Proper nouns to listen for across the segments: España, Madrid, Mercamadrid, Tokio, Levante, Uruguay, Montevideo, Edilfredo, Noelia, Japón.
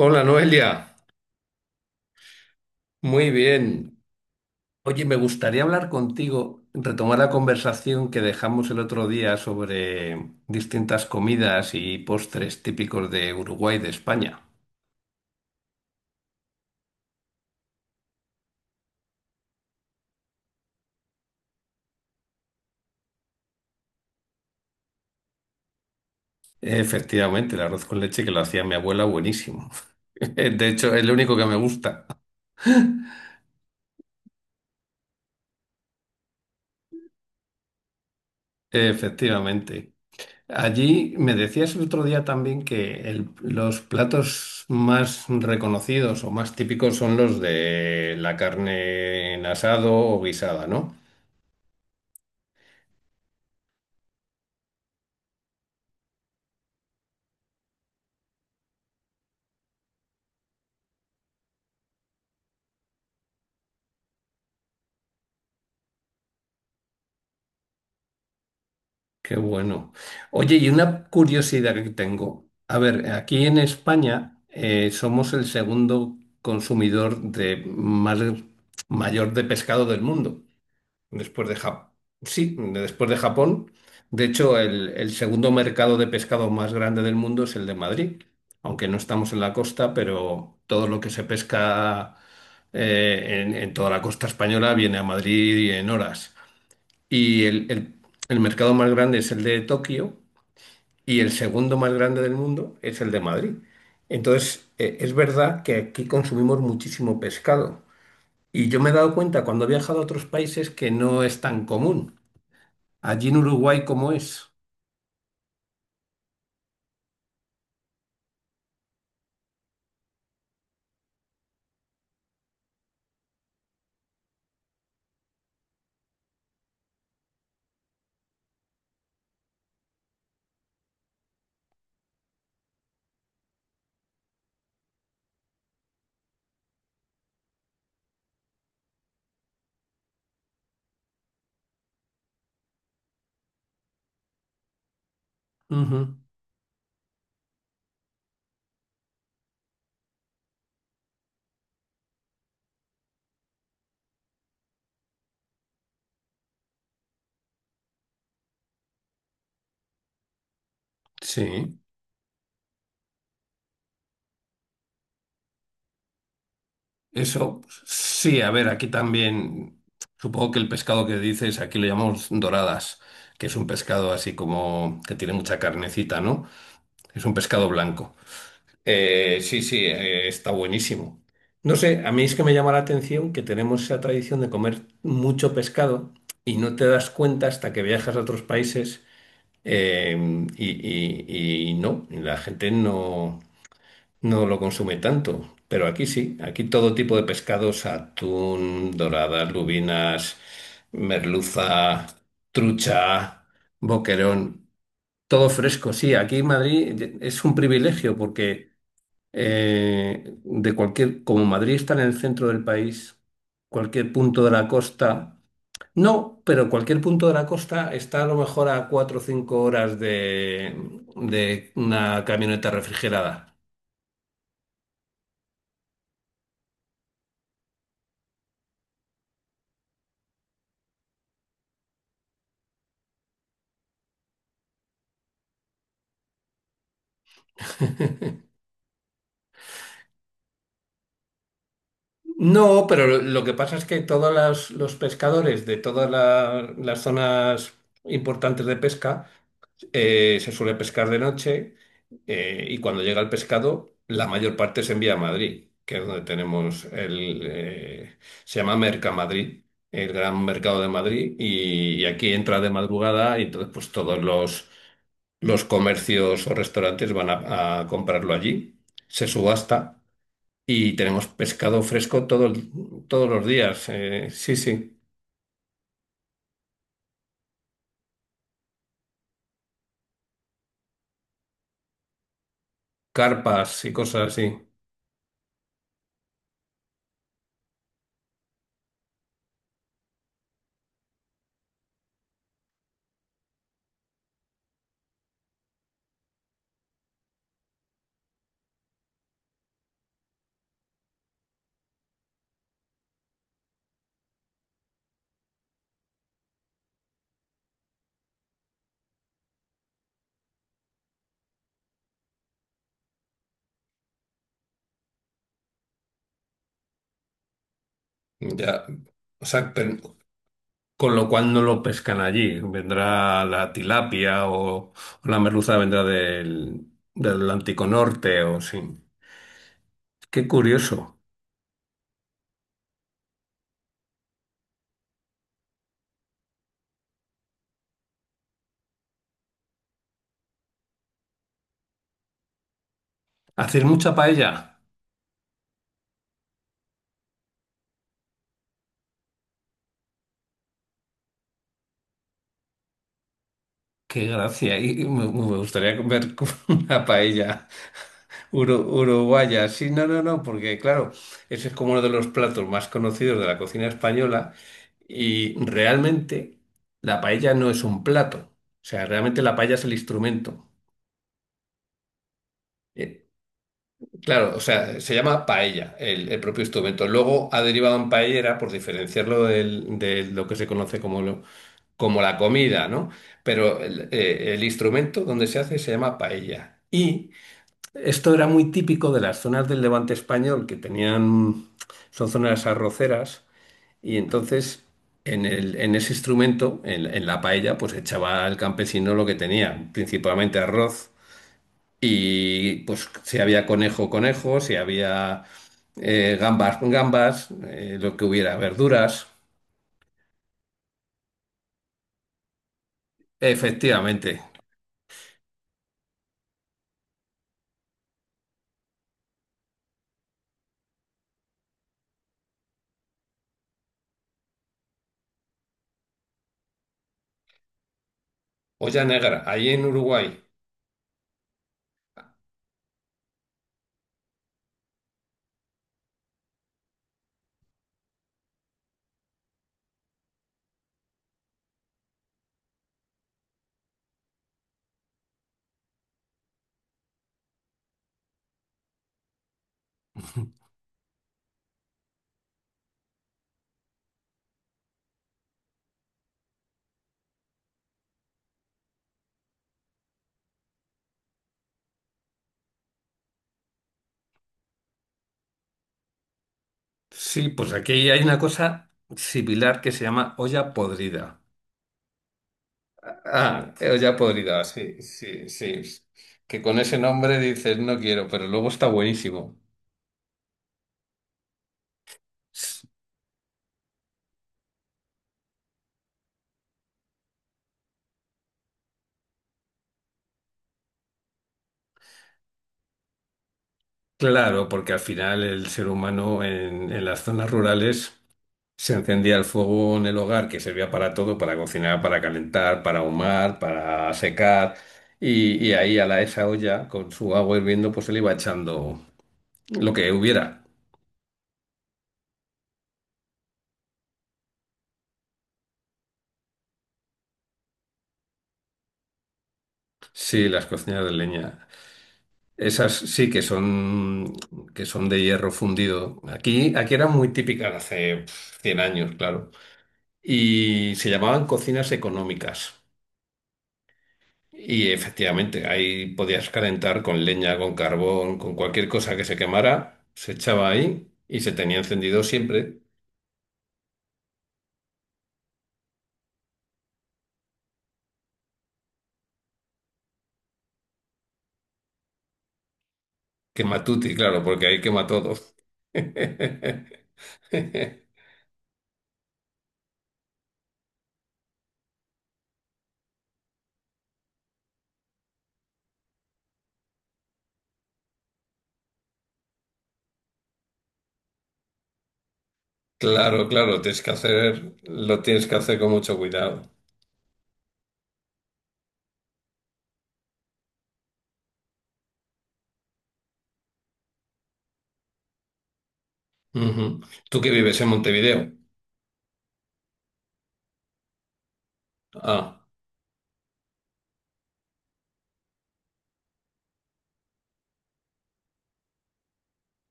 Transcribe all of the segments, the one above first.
Hola Noelia, muy bien. Oye, me gustaría hablar contigo, retomar la conversación que dejamos el otro día sobre distintas comidas y postres típicos de Uruguay y de España. Efectivamente, el arroz con leche que lo hacía mi abuela, buenísimo. De hecho, es lo único que me gusta. Efectivamente. Allí me decías el otro día también que los platos más reconocidos o más típicos son los de la carne en asado o guisada, ¿no? Qué bueno. Oye, y una curiosidad que tengo. A ver, aquí en España somos el segundo consumidor de más- mayor de pescado del mundo. Después de Japón. Sí, después de Japón. De hecho, el segundo mercado de pescado más grande del mundo es el de Madrid. Aunque no estamos en la costa, pero todo lo que se pesca en toda la costa española viene a Madrid en horas. Y el mercado más grande es el de Tokio y el segundo más grande del mundo es el de Madrid. Entonces, es verdad que aquí consumimos muchísimo pescado. Y yo me he dado cuenta cuando he viajado a otros países que no es tan común. Allí en Uruguay, ¿cómo es? Ujú. Sí, eso sí, a ver, aquí también supongo que el pescado que dices, aquí lo llamamos doradas, que es un pescado así como que tiene mucha carnecita, ¿no? Es un pescado blanco. Sí, sí, está buenísimo. No sé, a mí es que me llama la atención que tenemos esa tradición de comer mucho pescado y no te das cuenta hasta que viajas a otros países eh, y no, y la gente no. No lo consume tanto, pero aquí sí, aquí todo tipo de pescados, atún, doradas, lubinas, merluza, trucha, boquerón, todo fresco. Sí, aquí en Madrid es un privilegio porque de cualquier, como Madrid está en el centro del país, cualquier punto de la costa, no, pero cualquier punto de la costa está a lo mejor a cuatro o cinco horas de una camioneta refrigerada. No, pero lo que pasa es que todos los pescadores de todas las zonas importantes de pesca se suele pescar de noche y cuando llega el pescado la mayor parte se envía a Madrid, que es donde tenemos el... se llama Mercamadrid, el gran mercado de Madrid y aquí entra de madrugada y entonces pues los comercios o restaurantes van a comprarlo allí, se subasta. Y tenemos pescado fresco todos los días. Sí, sí. Carpas y cosas así. Ya. O sea, con lo cual no lo pescan allí. Vendrá la tilapia o la merluza vendrá del Atlántico Norte o sí. Qué curioso. ¿Haces mucha paella? Qué gracia. Y me gustaría comer una paella. Uruguaya, sí, no, no, no, porque claro, ese es como uno de los platos más conocidos de la cocina española y realmente la paella no es un plato, o sea, realmente la paella es el instrumento. Eh, claro, o sea, se llama paella el propio instrumento. Luego ha derivado en paellera por diferenciarlo de lo que se conoce como, como la comida, ¿no? Pero el instrumento donde se hace se llama paella. Esto era muy típico de las zonas del Levante español que tenían, son zonas arroceras y entonces en ese instrumento, en la paella, pues echaba el campesino lo que tenía, principalmente arroz y pues si había conejo, conejo, si había gambas, gambas, lo que hubiera, verduras, efectivamente. Olla negra, ahí en Uruguay. Sí, pues aquí hay una cosa similar que se llama olla podrida. Ah, ya podrida, sí, sí, sí. Que con ese nombre dices no quiero, pero luego está buenísimo. Claro, porque al final el ser humano en las zonas rurales se encendía el fuego en el hogar que servía para todo, para cocinar, para calentar, para ahumar, para secar. Y ahí a la, esa olla con su agua hirviendo pues se le iba echando lo que hubiera. Sí, las cocinas de leña. Esas sí que son de hierro fundido. Aquí, aquí eran muy típicas hace pf, 100 años, claro. Y se llamaban cocinas económicas. Y efectivamente, ahí podías calentar con leña, con carbón, con cualquier cosa que se quemara, se echaba ahí y se tenía encendido siempre. Quematuti, claro, porque ahí quema todo. Claro, claro, tienes que hacer, lo tienes que hacer con mucho cuidado. Ujú. ¿Tú que vives en Montevideo? Ah.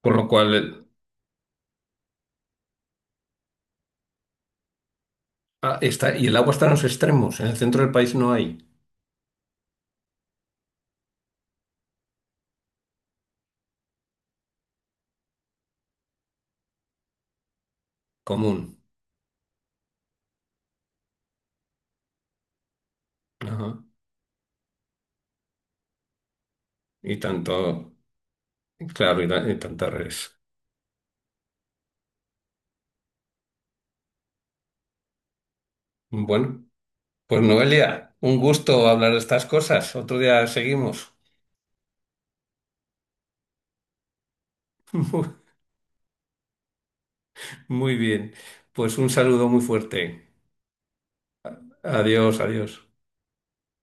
Con lo cual, ah, está, y el agua está en los extremos, en el centro del país no hay común. Ajá. Y tanto, claro, y tantas redes. Bueno, pues Noelia, un gusto hablar de estas cosas. Otro día seguimos. Muy bien, pues un saludo muy fuerte. Adiós, adiós.